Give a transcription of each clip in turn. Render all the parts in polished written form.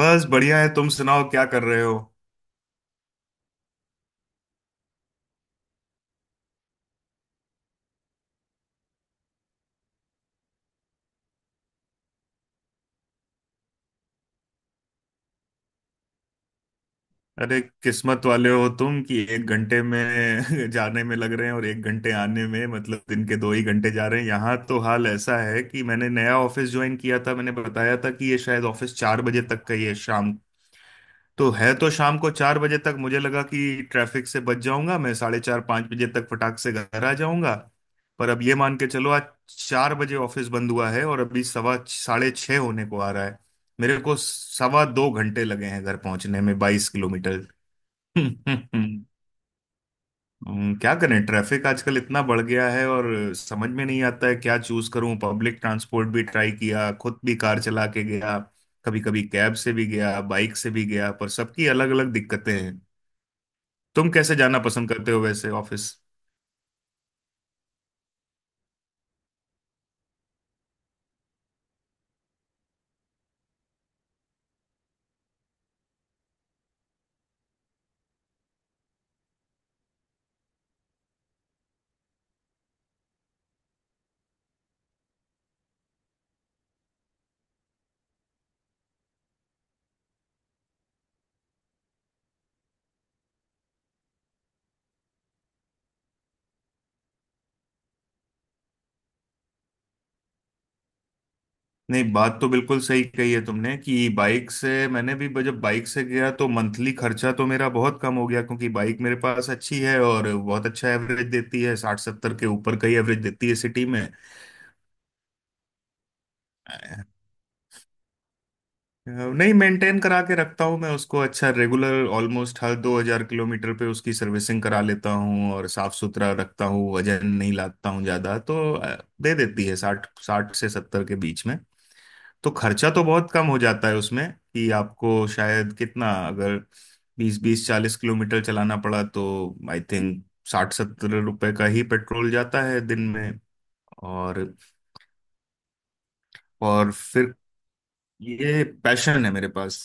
बस बढ़िया है। तुम सुनाओ क्या कर रहे हो? अरे, किस्मत वाले हो तुम कि एक घंटे में जाने में लग रहे हैं और एक घंटे आने में, मतलब दिन के दो ही घंटे जा रहे हैं। यहाँ तो हाल ऐसा है कि मैंने नया ऑफिस ज्वाइन किया था। मैंने बताया था कि ये शायद ऑफिस चार बजे तक का ही है शाम। तो है तो शाम को चार बजे तक, मुझे लगा कि ट्रैफिक से बच जाऊंगा, मैं साढ़े चार पाँच बजे तक फटाक से घर आ जाऊंगा। पर अब ये मान के चलो, आज चार बजे ऑफिस बंद हुआ है और अभी सवा साढ़े छः होने को आ रहा है। मेरे को सवा दो घंटे लगे हैं घर पहुंचने में, 22 किलोमीटर। क्या करें, ट्रैफिक आजकल इतना बढ़ गया है, और समझ में नहीं आता है क्या चूज करूं। पब्लिक ट्रांसपोर्ट भी ट्राई किया, खुद भी कार चला के गया, कभी कभी कैब से भी गया, बाइक से भी गया, पर सबकी अलग अलग दिक्कतें हैं। तुम कैसे जाना पसंद करते हो वैसे ऑफिस? नहीं, बात तो बिल्कुल सही कही है तुमने कि बाइक से मैंने भी जब बाइक से गया तो मंथली खर्चा तो मेरा बहुत कम हो गया, क्योंकि बाइक मेरे पास अच्छी है और बहुत अच्छा एवरेज देती है, साठ सत्तर के ऊपर का ही एवरेज देती है सिटी में। अ, नहीं, मेंटेन करा के रखता हूँ मैं उसको अच्छा, रेगुलर, ऑलमोस्ट हर 2,000 किलोमीटर पे उसकी सर्विसिंग करा लेता हूँ, और साफ सुथरा रखता हूँ, वजन नहीं लाता हूँ ज्यादा, तो दे देती है साठ, साठ से सत्तर के बीच में। तो खर्चा तो बहुत कम हो जाता है उसमें। कि आपको शायद कितना, अगर बीस बीस 40 किलोमीटर चलाना पड़ा तो आई थिंक साठ सत्तर रुपए का ही पेट्रोल जाता है दिन में। और और फिर ये पैशन है मेरे पास।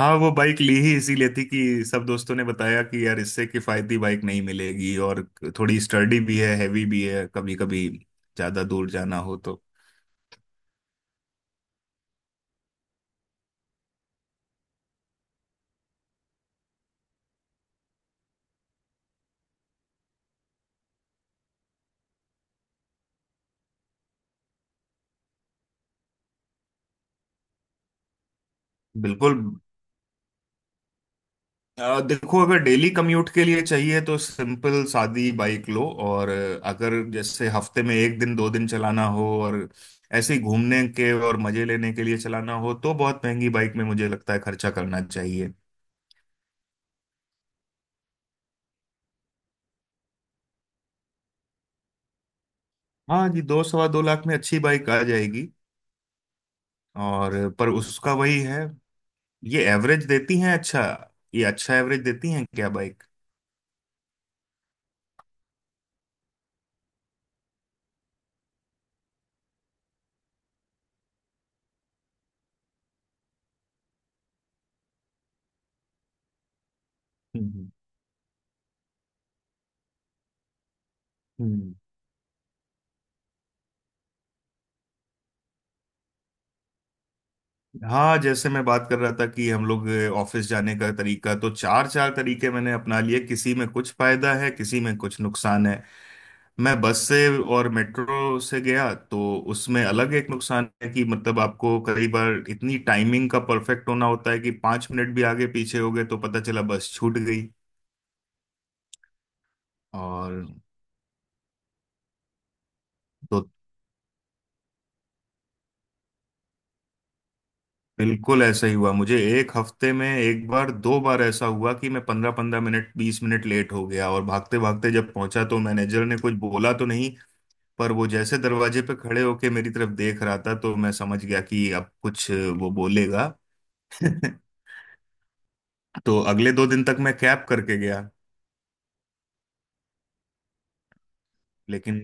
हाँ, वो बाइक ली ही इसीलिए थी कि सब दोस्तों ने बताया कि यार इससे किफायती बाइक नहीं मिलेगी, और थोड़ी स्टर्डी भी है, हैवी भी है कभी कभी ज्यादा दूर जाना हो तो। बिल्कुल। देखो अगर डेली कम्यूट के लिए चाहिए तो सिंपल सादी बाइक लो, और अगर जैसे हफ्ते में एक दिन दो दिन चलाना हो और ऐसे ही घूमने के और मजे लेने के लिए चलाना हो, तो बहुत महंगी बाइक में मुझे लगता है खर्चा करना चाहिए। हाँ जी, दो सवा दो लाख में अच्छी बाइक आ जाएगी। और पर उसका वही है, ये एवरेज देती हैं अच्छा? ये अच्छा एवरेज देती हैं क्या बाइक? हम्म हम्म। हाँ, जैसे मैं बात कर रहा था कि हम लोग ऑफिस जाने का तरीका तो चार चार तरीके मैंने अपना लिए, किसी में कुछ फायदा है किसी में कुछ नुकसान है। मैं बस से और मेट्रो से गया तो उसमें अलग एक नुकसान है कि मतलब आपको कई बार इतनी टाइमिंग का परफेक्ट होना होता है कि पांच मिनट भी आगे पीछे हो गए तो पता चला बस छूट गई। और दो बिल्कुल ऐसा ही हुआ मुझे, एक हफ्ते में एक बार दो बार ऐसा हुआ कि मैं पंद्रह पंद्रह मिनट, बीस मिनट लेट हो गया, और भागते भागते जब पहुंचा तो मैनेजर ने कुछ बोला तो नहीं, पर वो जैसे दरवाजे पे खड़े होके मेरी तरफ देख रहा था तो मैं समझ गया कि अब कुछ वो बोलेगा। तो अगले दो दिन तक मैं कैब करके गया। लेकिन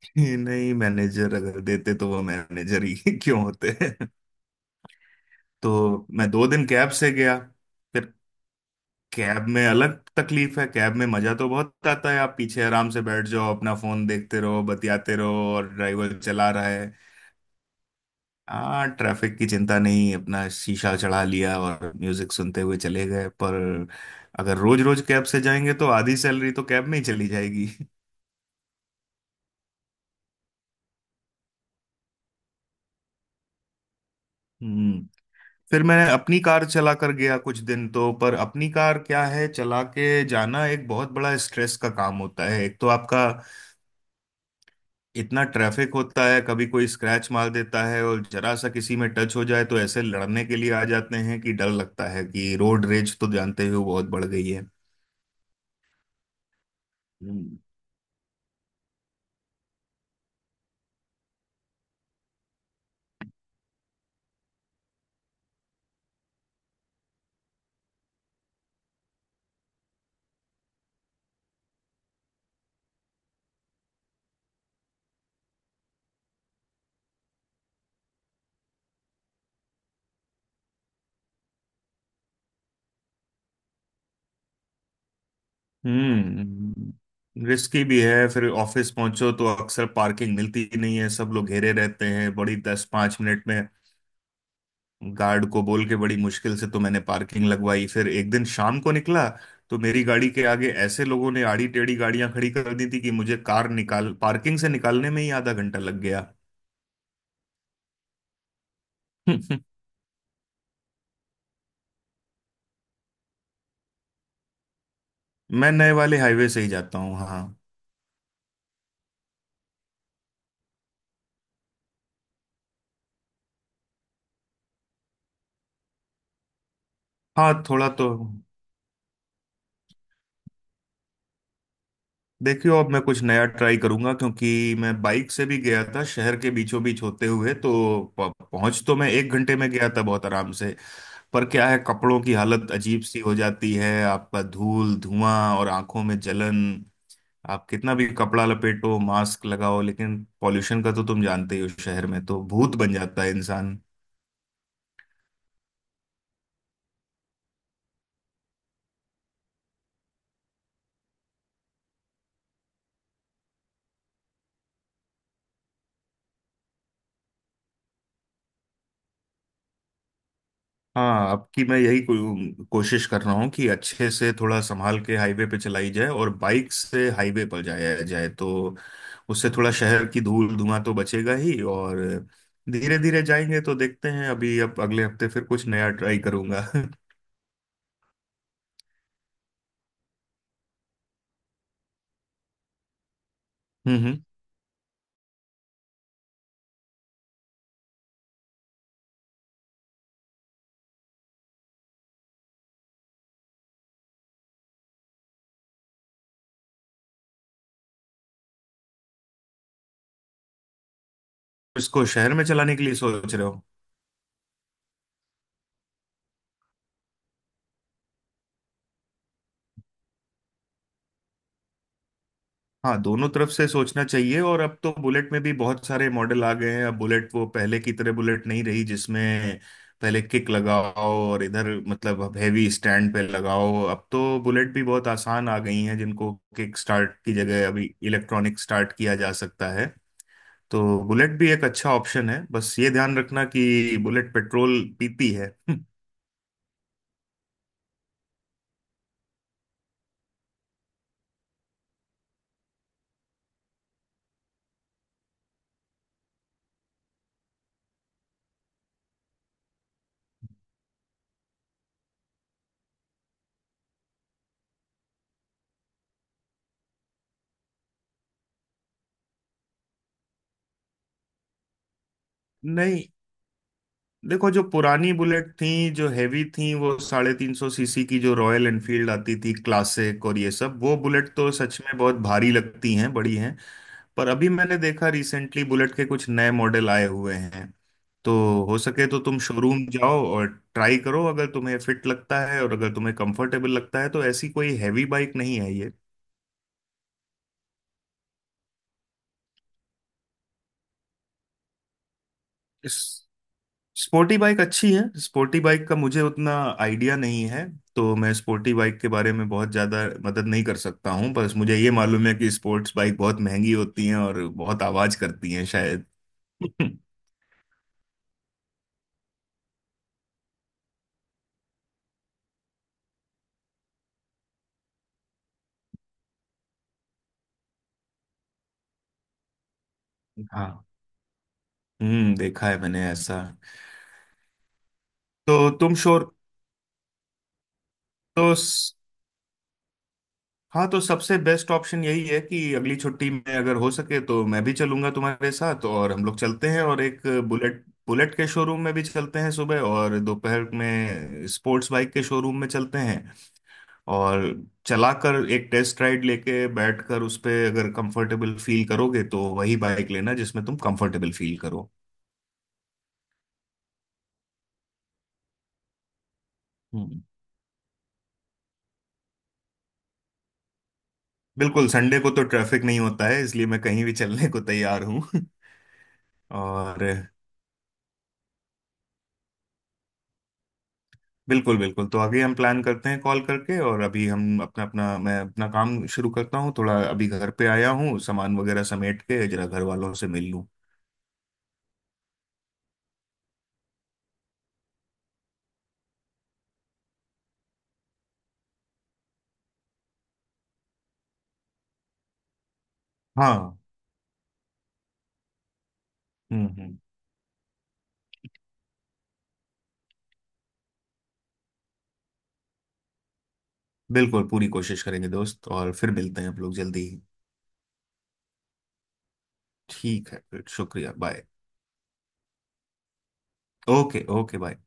नहीं, मैनेजर अगर देते तो वो मैनेजर ही क्यों होते? तो मैं दो दिन कैब से गया। फिर कैब में अलग तकलीफ है, कैब में मजा तो बहुत आता है, आप पीछे आराम से बैठ जाओ, अपना फोन देखते रहो, बतियाते रहो और ड्राइवर चला रहा है। हाँ, ट्रैफिक की चिंता नहीं, अपना शीशा चढ़ा लिया और म्यूजिक सुनते हुए चले गए। पर अगर रोज रोज कैब से जाएंगे तो आधी सैलरी तो कैब में ही चली जाएगी। हम्म। फिर मैं अपनी कार चला कर गया कुछ दिन, तो पर अपनी कार क्या है, चला के जाना एक बहुत बड़ा स्ट्रेस का काम होता है। एक तो आपका इतना ट्रैफिक होता है, कभी कोई स्क्रैच मार देता है और जरा सा किसी में टच हो जाए तो ऐसे लड़ने के लिए आ जाते हैं कि डर लगता है, कि रोड रेज तो जानते हो बहुत बढ़ गई है। हम्म। रिस्की भी है। फिर ऑफिस पहुंचो तो अक्सर पार्किंग मिलती ही नहीं है, सब लोग घेरे रहते हैं बड़ी, दस पांच मिनट में गार्ड को बोल के बड़ी मुश्किल से तो मैंने पार्किंग लगवाई। फिर एक दिन शाम को निकला तो मेरी गाड़ी के आगे ऐसे लोगों ने आड़ी टेढ़ी गाड़ियां खड़ी कर दी थी कि मुझे कार निकाल पार्किंग से निकालने में ही आधा घंटा लग गया। हम्म, मैं नए वाले हाईवे से ही जाता हूँ, हाँ। हाँ, थोड़ा तो देखियो। अब मैं कुछ नया ट्राई करूंगा, क्योंकि मैं बाइक से भी गया था शहर के बीचों बीच होते हुए, तो पहुंच तो मैं एक घंटे में गया था बहुत आराम से। पर क्या है, कपड़ों की हालत अजीब सी हो जाती है, आपका धूल धुआं और आंखों में जलन। आप कितना भी कपड़ा लपेटो, मास्क लगाओ, लेकिन पॉल्यूशन का तो तुम जानते ही हो, शहर में तो भूत बन जाता है इंसान। हाँ, अब की मैं यही कोशिश कर रहा हूँ कि अच्छे से थोड़ा संभाल के हाईवे पे चलाई जाए, और बाइक से हाईवे पर जाया जाए तो उससे थोड़ा शहर की धूल धुआं तो बचेगा ही, और धीरे धीरे जाएंगे तो देखते हैं। अभी, अब, अगले हफ्ते फिर कुछ नया ट्राई करूंगा। हम्म। इसको शहर में चलाने के लिए सोच रहे हो? हाँ, दोनों तरफ से सोचना चाहिए, और अब तो बुलेट में भी बहुत सारे मॉडल आ गए हैं। अब बुलेट वो पहले की तरह बुलेट नहीं रही जिसमें पहले किक लगाओ और इधर, मतलब अब हैवी स्टैंड पे लगाओ। अब तो बुलेट भी बहुत आसान आ गई हैं जिनको किक स्टार्ट की जगह अभी इलेक्ट्रॉनिक स्टार्ट किया जा सकता है। तो बुलेट भी एक अच्छा ऑप्शन है, बस ये ध्यान रखना कि बुलेट पेट्रोल पीती है। नहीं देखो, जो पुरानी बुलेट थी जो हैवी थी, वो 350 सीसी की जो रॉयल एनफील्ड आती थी क्लासिक और ये सब, वो बुलेट तो सच में बहुत भारी लगती हैं, बड़ी हैं। पर अभी मैंने देखा, रिसेंटली बुलेट के कुछ नए मॉडल आए हुए हैं, तो हो सके तो तुम शोरूम जाओ और ट्राई करो, अगर तुम्हें फिट लगता है और अगर तुम्हें कंफर्टेबल लगता है तो ऐसी कोई हैवी बाइक नहीं है। ये स्पोर्टी बाइक अच्छी है, स्पोर्टी बाइक का मुझे उतना आइडिया नहीं है, तो मैं स्पोर्टी बाइक के बारे में बहुत ज़्यादा मदद नहीं कर सकता हूँ। बस मुझे ये मालूम है कि स्पोर्ट्स बाइक बहुत महंगी होती हैं और बहुत आवाज़ करती हैं शायद। हाँ, देखा है मैंने ऐसा। तो तुम शोर तो हाँ, तो सबसे बेस्ट ऑप्शन यही है कि अगली छुट्टी में अगर हो सके तो मैं भी चलूंगा तुम्हारे साथ और हम लोग चलते हैं, और एक बुलेट बुलेट के शोरूम में भी चलते हैं, सुबह और दोपहर में स्पोर्ट्स बाइक के शोरूम में चलते हैं। और चलाकर एक टेस्ट राइड लेके बैठकर उस पे अगर कंफर्टेबल फील करोगे तो वही बाइक लेना जिसमें तुम कंफर्टेबल फील करो। हम्म। बिल्कुल, संडे को तो ट्रैफिक नहीं होता है, इसलिए मैं कहीं भी चलने को तैयार हूँ। और बिल्कुल बिल्कुल, तो आगे हम प्लान करते हैं कॉल करके, और अभी हम अपना अपना मैं अपना काम शुरू करता हूँ। थोड़ा अभी घर पे आया हूँ, सामान वगैरह समेट के जरा घर वालों से मिल लूँ। हाँ। हम्म हम्म बिल्कुल पूरी कोशिश करेंगे, दोस्त, और फिर मिलते हैं आप लोग जल्दी ही। ठीक है, फिर शुक्रिया, बाय। Okay okay, bye.